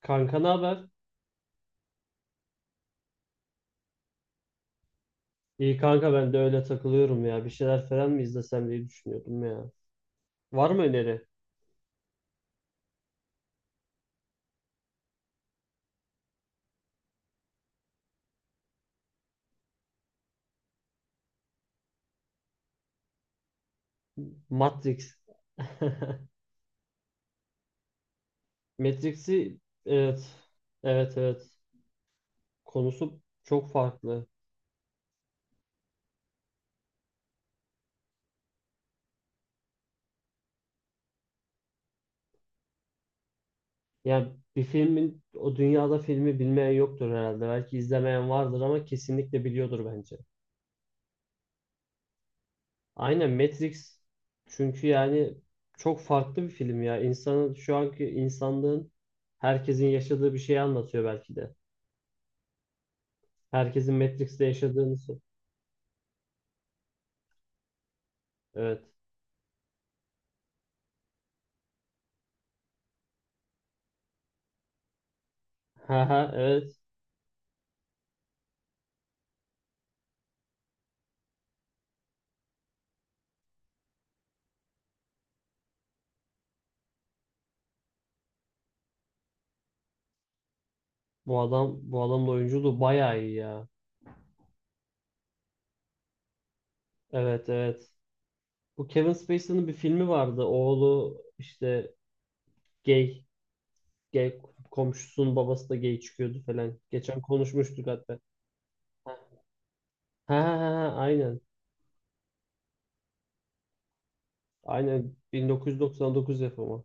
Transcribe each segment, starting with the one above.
Kanka ne haber? İyi kanka ben de öyle takılıyorum ya. Bir şeyler falan mı izlesem diye düşünüyordum ya. Var mı öneri? Matrix. Matrix'i evet. Evet, evet. Konusu çok farklı. Yani bir filmin o dünyada filmi bilmeyen yoktur herhalde. Belki izlemeyen vardır ama kesinlikle biliyordur bence. Aynen Matrix çünkü yani çok farklı bir film ya. İnsanın şu anki insanlığın herkesin yaşadığı bir şeyi anlatıyor belki de. Herkesin Matrix'te yaşadığını sor. Evet. Ha ha, evet. Bu adam bu adamın oyunculuğu bayağı iyi ya. Evet, evet. Bu Kevin Spacey'nin bir filmi vardı. Oğlu işte gay gay komşusunun babası da gay çıkıyordu falan. Geçen konuşmuştuk hatta. Ha ha ha ha, aynen. Aynen 1999 yapımı.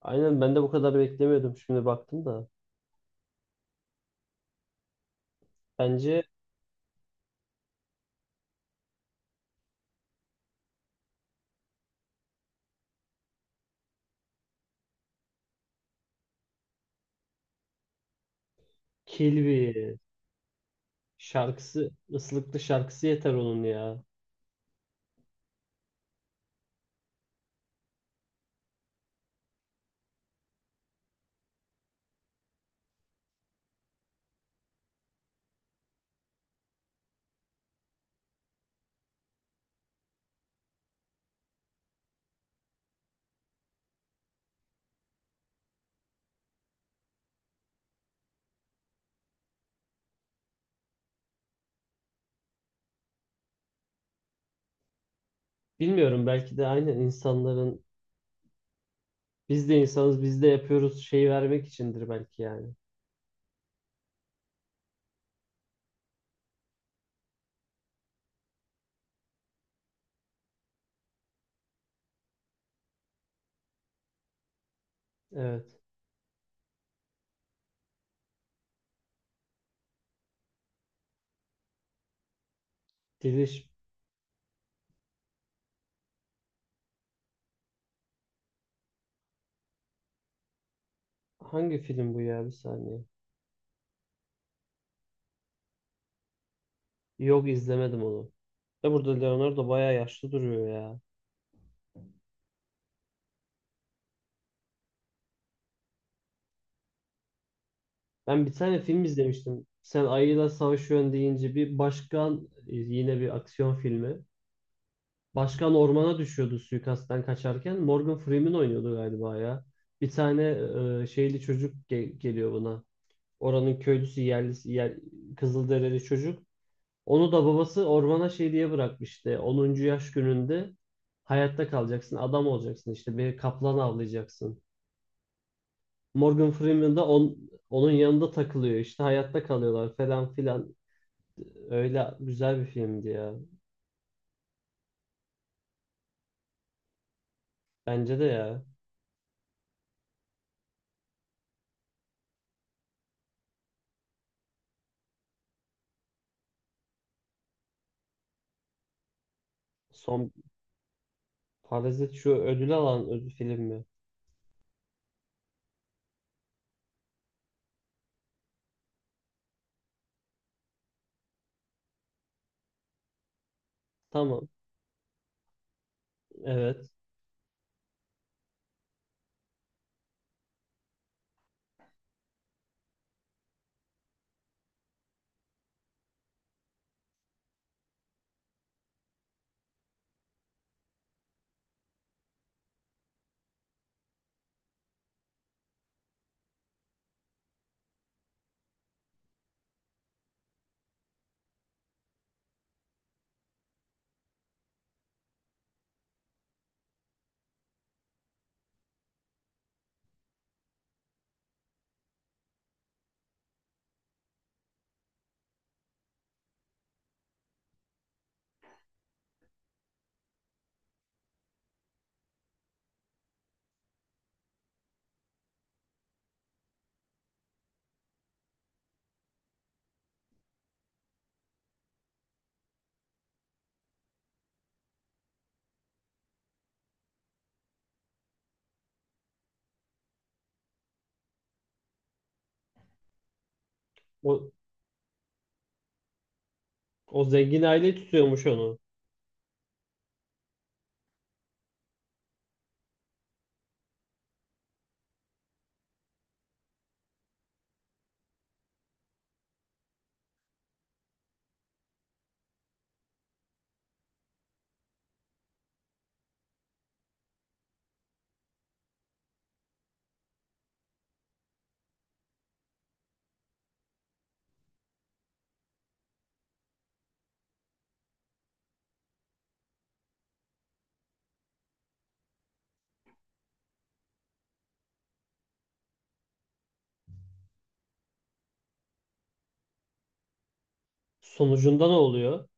Aynen ben de bu kadar beklemiyordum şimdi baktım da. Bence Kilby şarkısı ıslıklı şarkısı yeter onun ya. Bilmiyorum, belki de aynen insanların biz de insanız, biz de yapıyoruz şeyi vermek içindir belki yani. Evet. Diliş hangi film bu ya, bir saniye. Yok, izlemedim onu. Ya burada Leonardo bayağı yaşlı duruyor ya. Ben bir tane film izlemiştim. Sen ayıyla savaşıyorsun deyince bir başkan yine bir aksiyon filmi. Başkan ormana düşüyordu suikastten kaçarken. Morgan Freeman oynuyordu galiba ya. Bir tane şeyli çocuk geliyor buna. Oranın köylüsü yerlisi yer, Kızılderili çocuk. Onu da babası ormana şey diye bırakmıştı. Onuncu yaş gününde hayatta kalacaksın, adam olacaksın işte bir kaplan avlayacaksın. Morgan Freeman da on- Onun yanında takılıyor işte hayatta kalıyorlar falan filan. Öyle güzel bir filmdi ya. Bence de ya. Son Parazit şu ödül alan ödül film mi? Tamam. Evet. O, o zengin aile tutuyormuş onu. Sonucunda ne oluyor?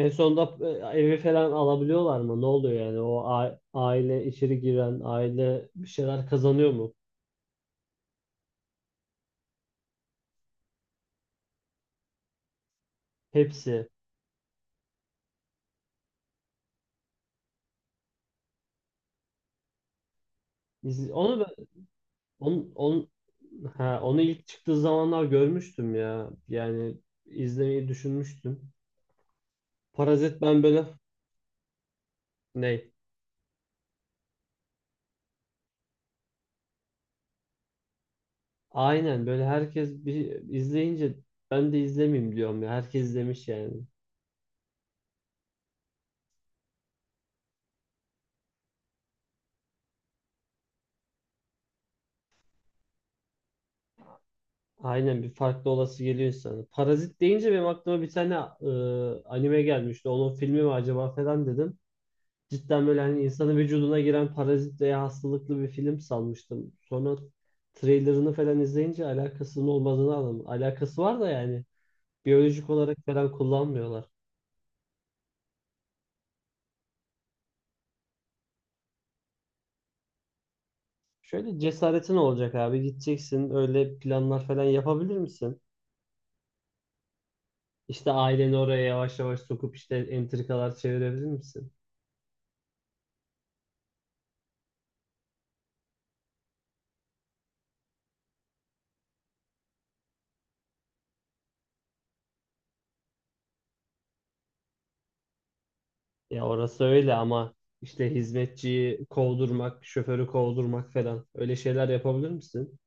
En sonunda evi falan alabiliyorlar mı? Ne oluyor yani? O aile içeri giren, aile bir şeyler kazanıyor mu? Hepsi. Biz- Onu ben- onu, onu, ha, Onu ilk çıktığı zamanlar görmüştüm ya. Yani izlemeyi düşünmüştüm. Parazit ben böyle ne? Aynen böyle herkes bir izleyince ben de izlemeyeyim diyorum ya. Herkes izlemiş yani. Aynen bir farklı olası geliyor insana. Parazit deyince benim aklıma bir tane anime gelmişti. Onun filmi mi acaba falan dedim. Cidden böyle hani insanın vücuduna giren parazit veya hastalıklı bir film sanmıştım. Sonra trailerını falan izleyince alakasının olmadığını anladım. Alakası var da yani biyolojik olarak falan kullanmıyorlar. Şöyle cesaretin olacak abi, gideceksin, öyle planlar falan yapabilir misin? İşte aileni oraya yavaş yavaş sokup işte entrikalar çevirebilir misin? Ya orası öyle ama işte hizmetçiyi kovdurmak, şoförü kovdurmak falan öyle şeyler yapabilir misin?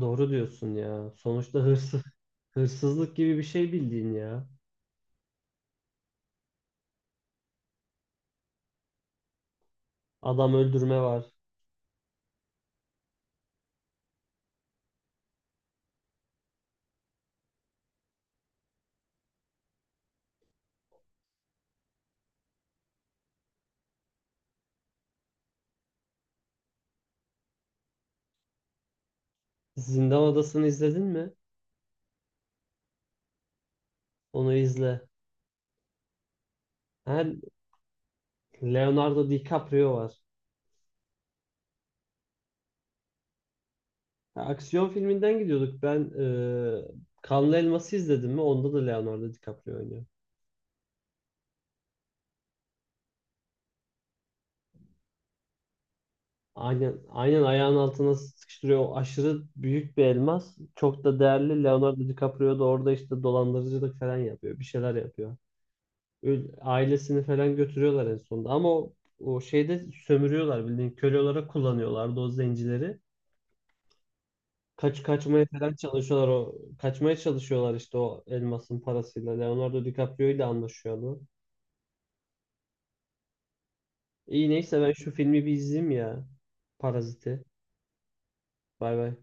Doğru diyorsun ya. Sonuçta hırsızlık gibi bir şey bildiğin ya. Adam öldürme var. Zindan Adası'nı izledin mi? Onu izle. Ha, Leonardo DiCaprio var. Ha, aksiyon filminden gidiyorduk. Ben Kanlı Elmas'ı izledim mi? Onda da Leonardo DiCaprio oynuyor. Aynen, aynen ayağın altına sıkıştırıyor. O aşırı büyük bir elmas. Çok da değerli. Leonardo DiCaprio da orada işte dolandırıcılık falan yapıyor. Bir şeyler yapıyor. Ailesini falan götürüyorlar en sonunda. Ama o, o şeyde sömürüyorlar, bildiğin köle olarak kullanıyorlardı o zencileri. Kaçmaya falan çalışıyorlar, o kaçmaya çalışıyorlar işte o elmasın parasıyla. Leonardo DiCaprio ile anlaşıyordu. İyi neyse ben şu filmi bir izleyeyim ya. Paraziti. Bay bay.